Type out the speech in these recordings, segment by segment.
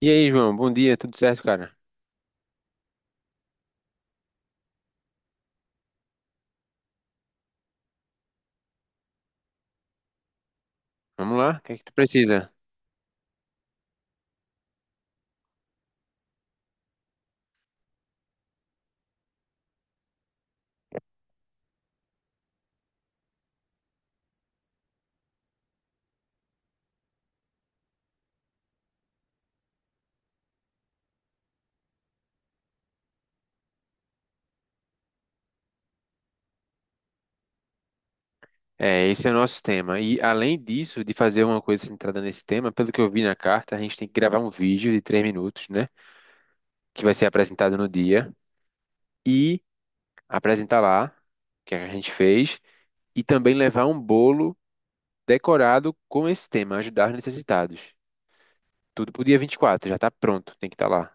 E aí, João, bom dia, tudo certo, cara? Vamos lá, o que é que tu precisa? É, esse é o nosso tema. E além disso, de fazer uma coisa centrada nesse tema, pelo que eu vi na carta, a gente tem que gravar um vídeo de 3 minutos, né? Que vai ser apresentado no dia e apresentar lá o que a gente fez e também levar um bolo decorado com esse tema, ajudar os necessitados. Tudo pro dia 24. Já tá pronto, tem que estar lá.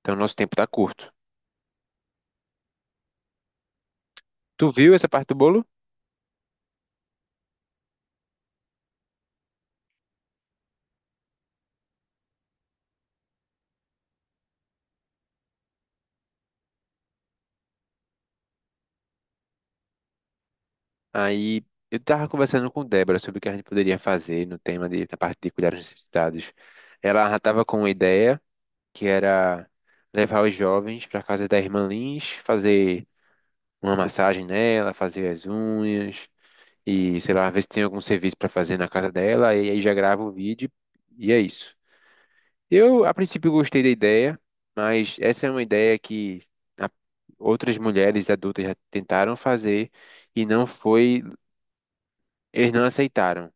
Então, nosso tempo tá curto. Tu viu essa parte do bolo? Aí eu estava conversando com Débora sobre o que a gente poderia fazer no tema da parte de cuidar dos necessitados. Ela já estava com uma ideia que era levar os jovens para casa da irmã Lins, fazer uma massagem nela, fazer as unhas e sei lá, ver se tem algum serviço para fazer na casa dela. E aí já grava o vídeo e é isso. Eu a princípio gostei da ideia, mas essa é uma ideia que a- outras mulheres adultas já tentaram fazer e não foi, eles não aceitaram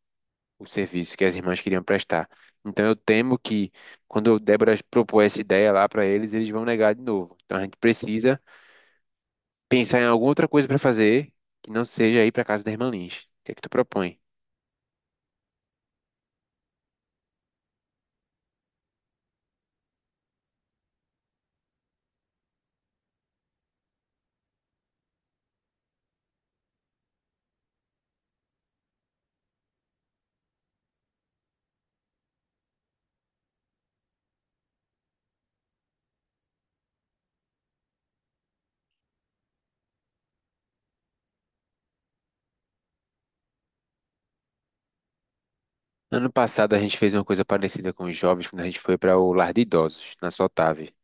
o serviço que as irmãs queriam prestar. Então eu temo que quando Débora propor essa ideia lá para eles, eles vão negar de novo. Então a gente precisa pensar em alguma outra coisa para fazer que não seja ir para casa da irmã Lins. O que é que tu propõe? Ano passado a gente fez uma coisa parecida com os jovens quando a gente foi para o lar de idosos, na Sotave.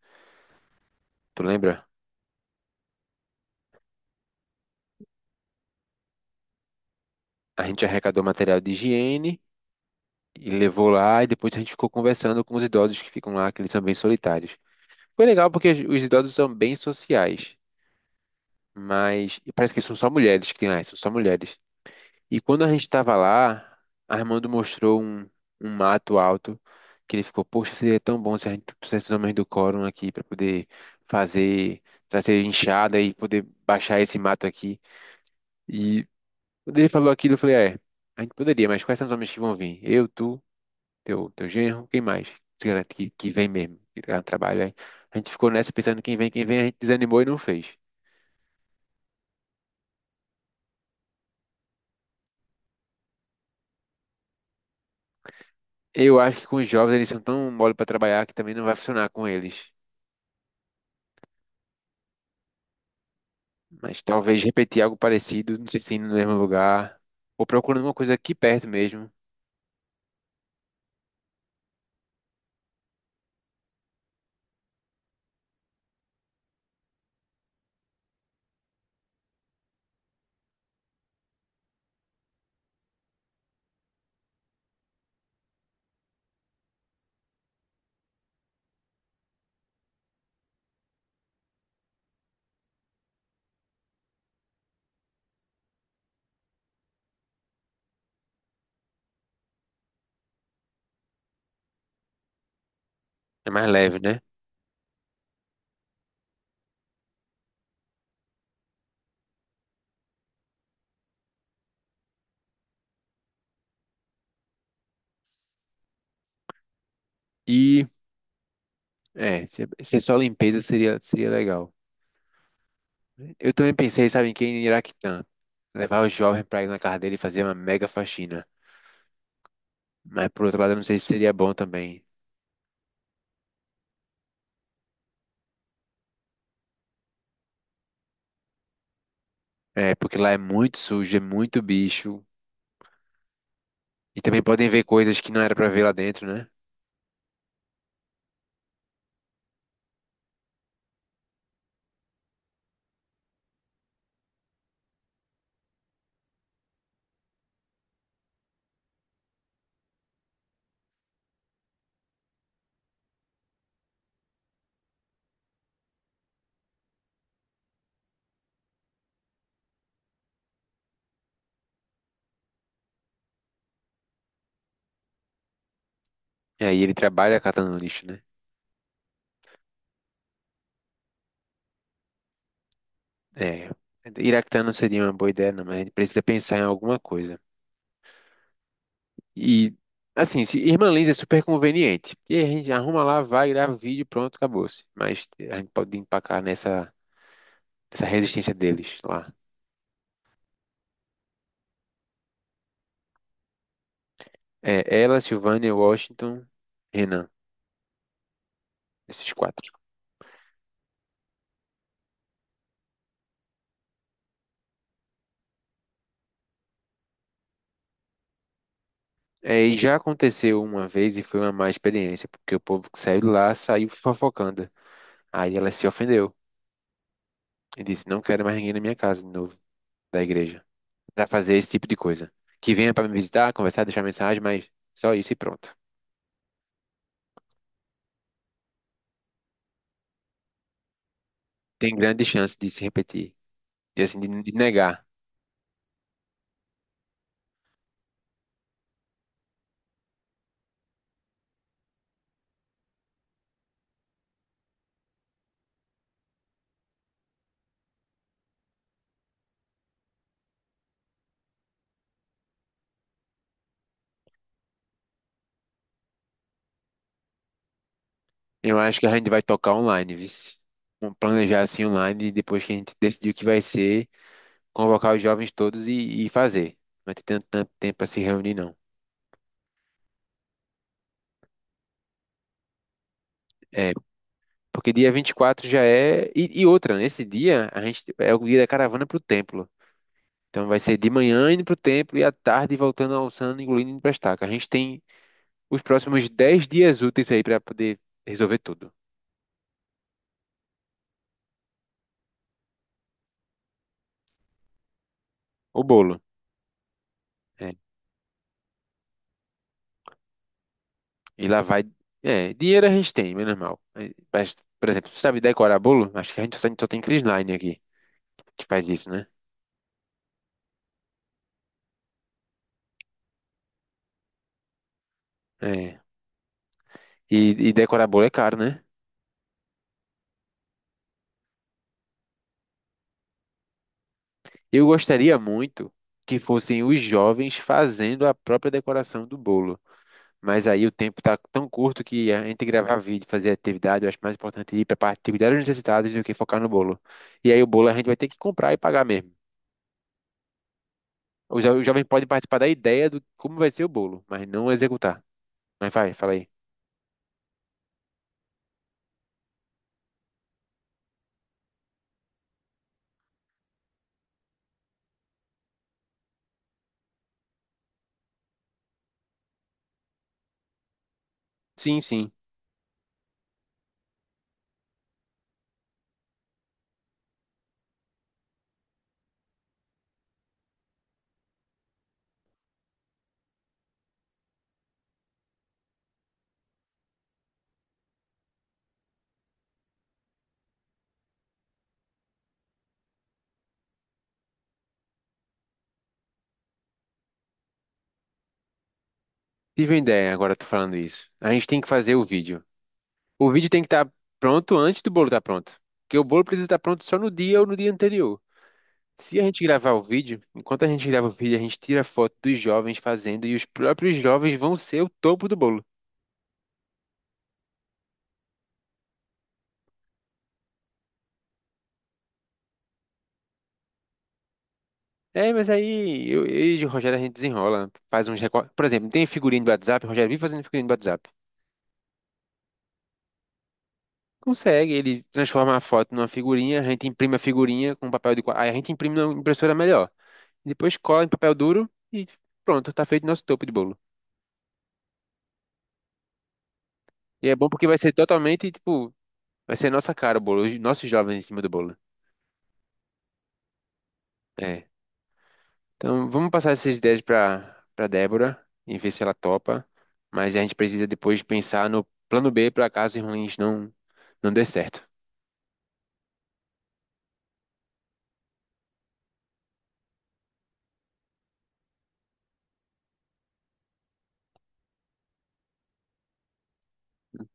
Tu lembra? A gente arrecadou material de higiene e levou lá e depois a gente ficou conversando com os idosos que ficam lá, que eles são bem solitários. Foi legal porque os idosos são bem sociais. Mas e parece que são só mulheres que tem lá, são só mulheres. E quando a gente estava lá, Armando mostrou um, mato alto que ele ficou, poxa, seria tão bom se a gente trouxesse os homens do quórum aqui para poder fazer, trazer enxada e poder baixar esse mato aqui. E quando ele falou aquilo, eu falei, é, a gente poderia, mas quais são os homens que vão vir? Eu, tu, teu genro, quem mais? Tu garante que vem mesmo, que dá um trabalho aí. A gente ficou nessa pensando quem vem, a gente desanimou e não fez. Eu acho que com os jovens eles são tão mole para trabalhar que também não vai funcionar com eles. Mas talvez repetir algo parecido, não sei se indo no mesmo lugar, ou procurando uma coisa aqui perto mesmo, é mais leve, né? E se é só limpeza seria, legal. Eu também pensei, sabe, em quem? Em Iraquitã. Levar o jovem para ir na casa dele e fazer uma mega faxina. Mas, por outro lado, eu não sei se seria bom também. É, porque lá é muito sujo, é muito bicho. E também podem ver coisas que não era para ver lá dentro, né? E aí ele trabalha catando lixo, né? É, Iraquitã não seria uma boa ideia, não, mas a gente precisa pensar em alguma coisa. E, assim, se Irmã Liz é super conveniente. E a gente arruma lá, vai gravar vídeo, pronto, acabou-se. Mas a gente pode empacar nessa resistência deles lá. É ela, Silvânia, Washington, Renan, esses quatro. É, e já aconteceu uma vez e foi uma má experiência, porque o povo que saiu de lá saiu fofocando. Aí ela se ofendeu e disse: Não quero mais ninguém na minha casa de novo, da igreja, para fazer esse tipo de coisa. Que venha para me visitar, conversar, deixar mensagem, mas só isso e pronto. Tem grande chance de se repetir, de, assim, de negar. Eu acho que a gente vai tocar online, viu? Vamos planejar assim online, e depois que a gente decidir o que vai ser, convocar os jovens todos e fazer. Não vai ter tanto, tanto tempo para se reunir, não. É, porque dia 24 já é. E outra, nesse dia a gente é o dia da caravana pro templo. Então vai ser de manhã indo pro templo e à tarde voltando almoçando, engolindo indo pra estaca. A gente tem os próximos 10 dias úteis aí pra poder resolver tudo. O bolo. É. E lá vai. É, dinheiro a gente tem, menos mal. É, mas, por exemplo, sabe decorar bolo? Acho que a gente só tem Crisline aqui que faz isso, né? É. E, e decorar bolo é caro, né? Eu gostaria muito que fossem os jovens fazendo a própria decoração do bolo. Mas aí o tempo tá tão curto que a gente gravar vídeo, fazer atividade, eu acho mais importante ir para atividades necessitadas do que focar no bolo. E aí o bolo a gente vai ter que comprar e pagar mesmo. O jovem pode participar da ideia do como vai ser o bolo, mas não executar. Mas vai, fala aí. Sim, sim. Tive uma ideia agora, tô falando isso. A gente tem que fazer o vídeo. O vídeo tem que estar pronto antes do bolo estar pronto. Porque o bolo precisa estar pronto só no dia ou no dia anterior. Se a gente gravar o vídeo, enquanto a gente grava o vídeo, a gente tira foto dos jovens fazendo e os próprios jovens vão ser o topo do bolo. É, mas aí eu, e o Rogério a gente desenrola, faz uns recortes. Por exemplo, tem figurinha do WhatsApp, o Rogério vive fazendo figurinha do WhatsApp. Consegue, ele transforma a foto numa figurinha, a gente imprime a figurinha com papel Aí a gente imprime na impressora melhor. Depois cola em papel duro e pronto, tá feito nosso topo de bolo. E é bom porque vai ser totalmente, tipo, vai ser nossa cara o bolo, os nossos jovens em cima do bolo. É. Então vamos passar essas ideias pra, Débora e ver se ela topa. Mas a gente precisa depois pensar no plano B para caso ruins não dê certo.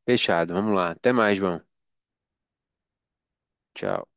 Fechado, vamos lá. Até mais, João. Tchau.